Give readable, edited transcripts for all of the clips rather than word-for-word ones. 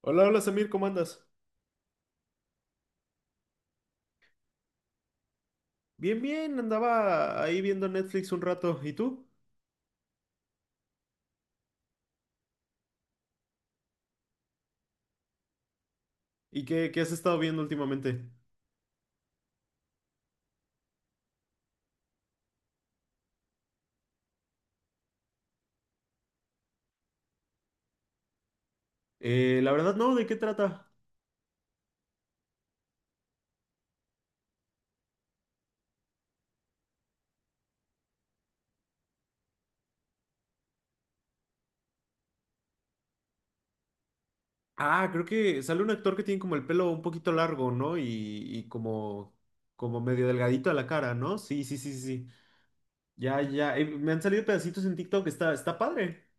Hola, hola Samir, ¿cómo andas? Bien, bien, andaba ahí viendo Netflix un rato. ¿Y tú? ¿Y qué has estado viendo últimamente? La verdad no, ¿de qué trata? Ah, creo que sale un actor que tiene como el pelo un poquito largo, ¿no? Y como, como medio delgadito a la cara, ¿no? Sí, sí, sí, sí. Ya, ya, me han salido pedacitos en TikTok, está padre.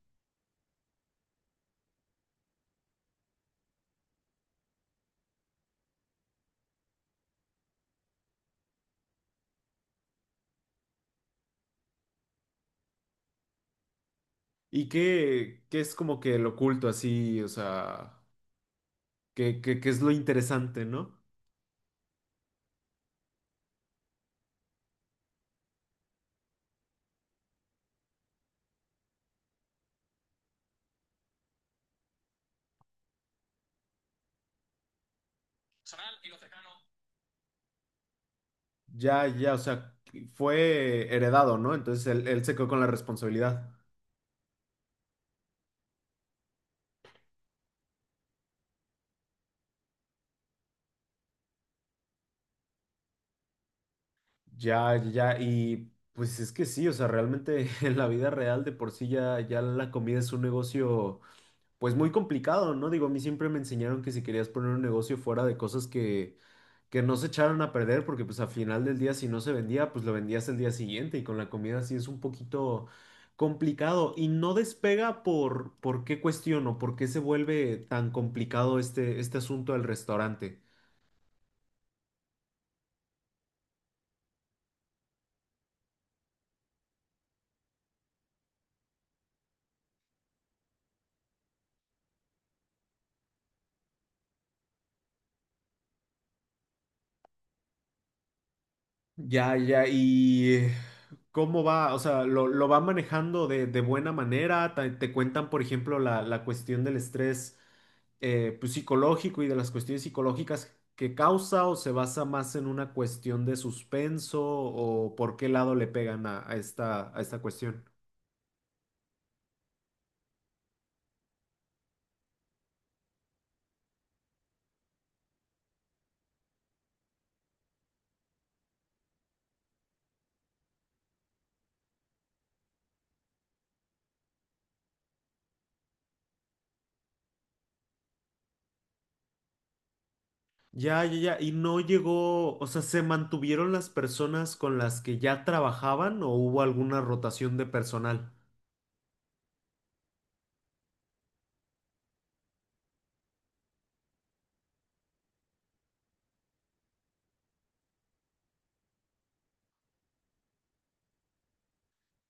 ¿Y qué es como que lo oculto así? O sea, qué es lo interesante, ¿no? Ya, ya, o sea, fue heredado, ¿no? Entonces él se quedó con la responsabilidad. Ya, ya, y pues es que sí, o sea, realmente en la vida real de por sí ya la comida es un negocio. Pues muy complicado, ¿no? Digo, a mí siempre me enseñaron que si querías poner un negocio fuera de cosas que no se echaran a perder, porque pues al final del día si no se vendía, pues lo vendías el día siguiente y con la comida sí es un poquito complicado y no despega por qué cuestiono, por qué se vuelve tan complicado este asunto del restaurante. Ya, ya, y ¿cómo va? O sea, lo va manejando de buena manera? ¿Te cuentan, por ejemplo, la cuestión del estrés pues, psicológico y de las cuestiones psicológicas que causa o se basa más en una cuestión de suspenso o por qué lado le pegan a esta cuestión? Ya, ya, ya, y no llegó, o sea, ¿se mantuvieron las personas con las que ya trabajaban o hubo alguna rotación de personal?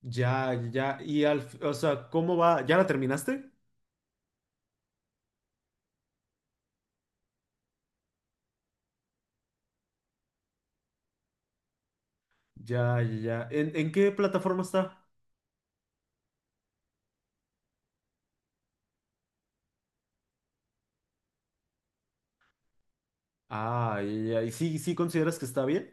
Ya, ya, y al, o sea, ¿cómo va? ¿Ya la terminaste? Ya, ya, ya. En qué plataforma está? Ah, ya, ya, ¿y sí, sí consideras que está bien?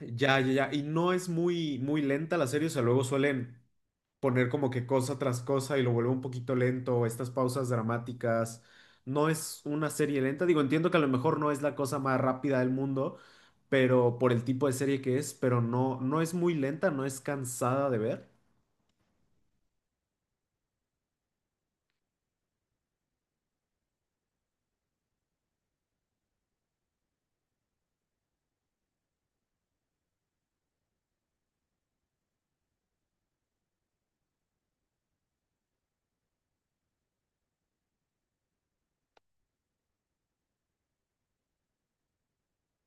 Ya, ya, ya. Y no es muy lenta la serie, o sea, luego suelen poner como que cosa tras cosa y lo vuelve un poquito lento, estas pausas dramáticas. No es una serie lenta. Digo, entiendo que a lo mejor no es la cosa más rápida del mundo, pero por el tipo de serie que es, pero no, no es muy lenta, no es cansada de ver.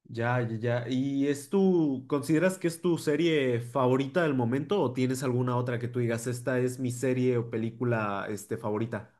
Ya, ya, ya. ¿Y es tu, consideras que es tu serie favorita del momento o tienes alguna otra que tú digas, esta es mi serie o película, este, favorita?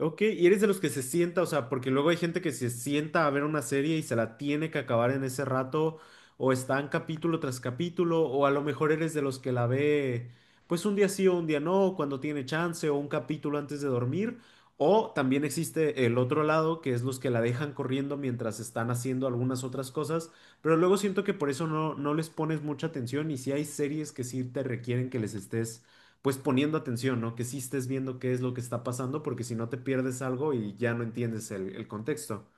Ok, y eres de los que se sienta, o sea, porque luego hay gente que se sienta a ver una serie y se la tiene que acabar en ese rato, o está en capítulo tras capítulo, o a lo mejor eres de los que la ve, pues un día sí o un día no, cuando tiene chance, o un capítulo antes de dormir, o también existe el otro lado, que es los que la dejan corriendo mientras están haciendo algunas otras cosas, pero luego siento que por eso no, no les pones mucha atención y si hay series que sí te requieren que les estés pues poniendo atención, ¿no? Que sí estés viendo qué es lo que está pasando, porque si no te pierdes algo y ya no entiendes el contexto.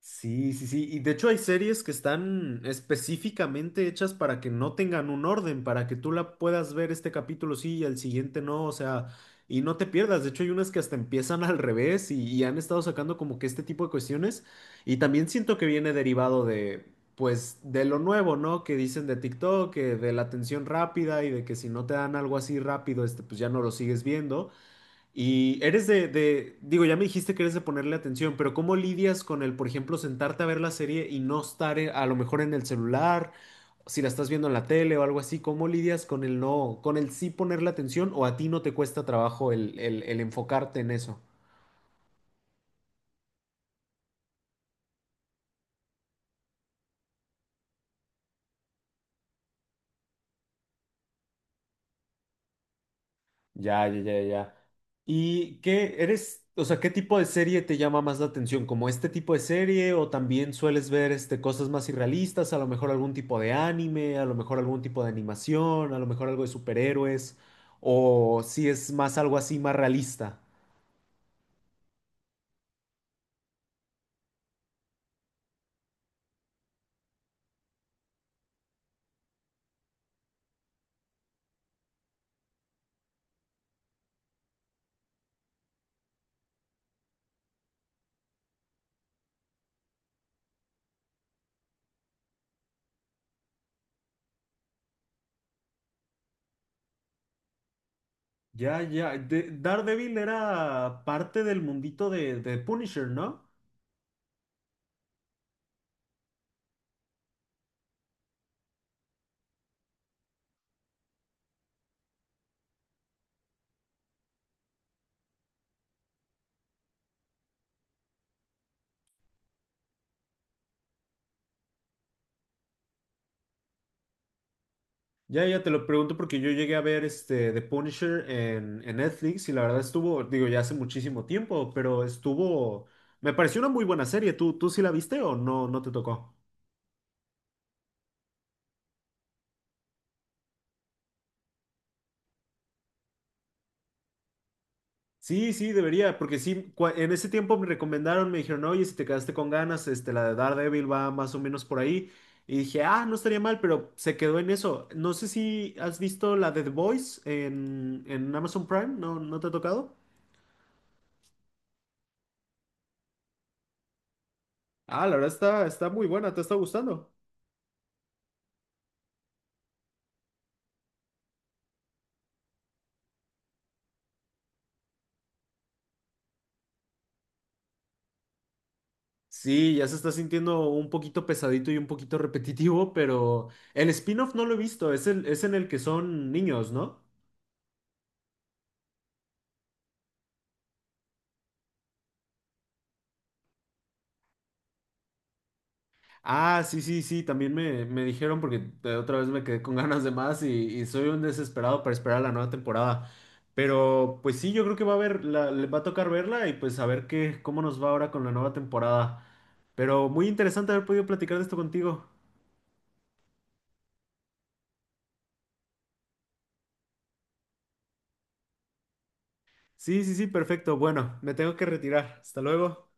Sí, sí, sí. Y de hecho hay series que están específicamente hechas para que no tengan un orden, para que tú la puedas ver este capítulo sí y el siguiente no, o sea, y no te pierdas. De hecho hay unas que hasta empiezan al revés y han estado sacando como que este tipo de cuestiones. Y también siento que viene derivado de, pues, de lo nuevo, ¿no? Que dicen de TikTok, que de la atención rápida y de que si no te dan algo así rápido, este, pues ya no lo sigues viendo. Y eres digo, ya me dijiste que eres de ponerle atención, pero ¿cómo lidias con el, por ejemplo, sentarte a ver la serie y no estar a lo mejor en el celular, si la estás viendo en la tele o algo así? ¿Cómo lidias con el no, con el sí ponerle atención o a ti no te cuesta trabajo el, el enfocarte en eso? Ya, ya, ya, ya. ¿Y qué eres, o sea, qué tipo de serie te llama más la atención? ¿Como este tipo de serie o también sueles ver este, cosas más irrealistas? A lo mejor algún tipo de anime, a lo mejor algún tipo de animación, a lo mejor algo de superhéroes, o si es más algo así más realista. Ya, ya. De- Daredevil era parte del mundito de Punisher, ¿no? Ya, ya te lo pregunto porque yo llegué a ver este The Punisher en Netflix y la verdad estuvo, digo, ya hace muchísimo tiempo, pero estuvo, me pareció una muy buena serie. Tú sí la viste o no, no te tocó? Sí, sí, debería, porque sí, cua- en ese tiempo me recomendaron, me dijeron, oye, si te quedaste con ganas, este, la de Daredevil va más o menos por ahí. Y dije, ah, no estaría mal, pero se quedó en eso. No sé si has visto la de The Boys en Amazon Prime, ¿no, no te ha tocado? Ah, la verdad está, está muy buena, ¿te está gustando? Sí, ya se está sintiendo un poquito pesadito y un poquito repetitivo, pero el spin-off no lo he visto, es, el, es en el que son niños, ¿no? Ah, sí, sí, sí, también me dijeron porque de otra vez me quedé con ganas de más y soy un desesperado para esperar la nueva temporada. Pero pues sí, yo creo que va a haber, la- le va a tocar verla y pues a ver qué, cómo nos va ahora con la nueva temporada. Pero muy interesante haber podido platicar de esto contigo. Sí, sí, sí, perfecto. Bueno, me tengo que retirar. Hasta luego.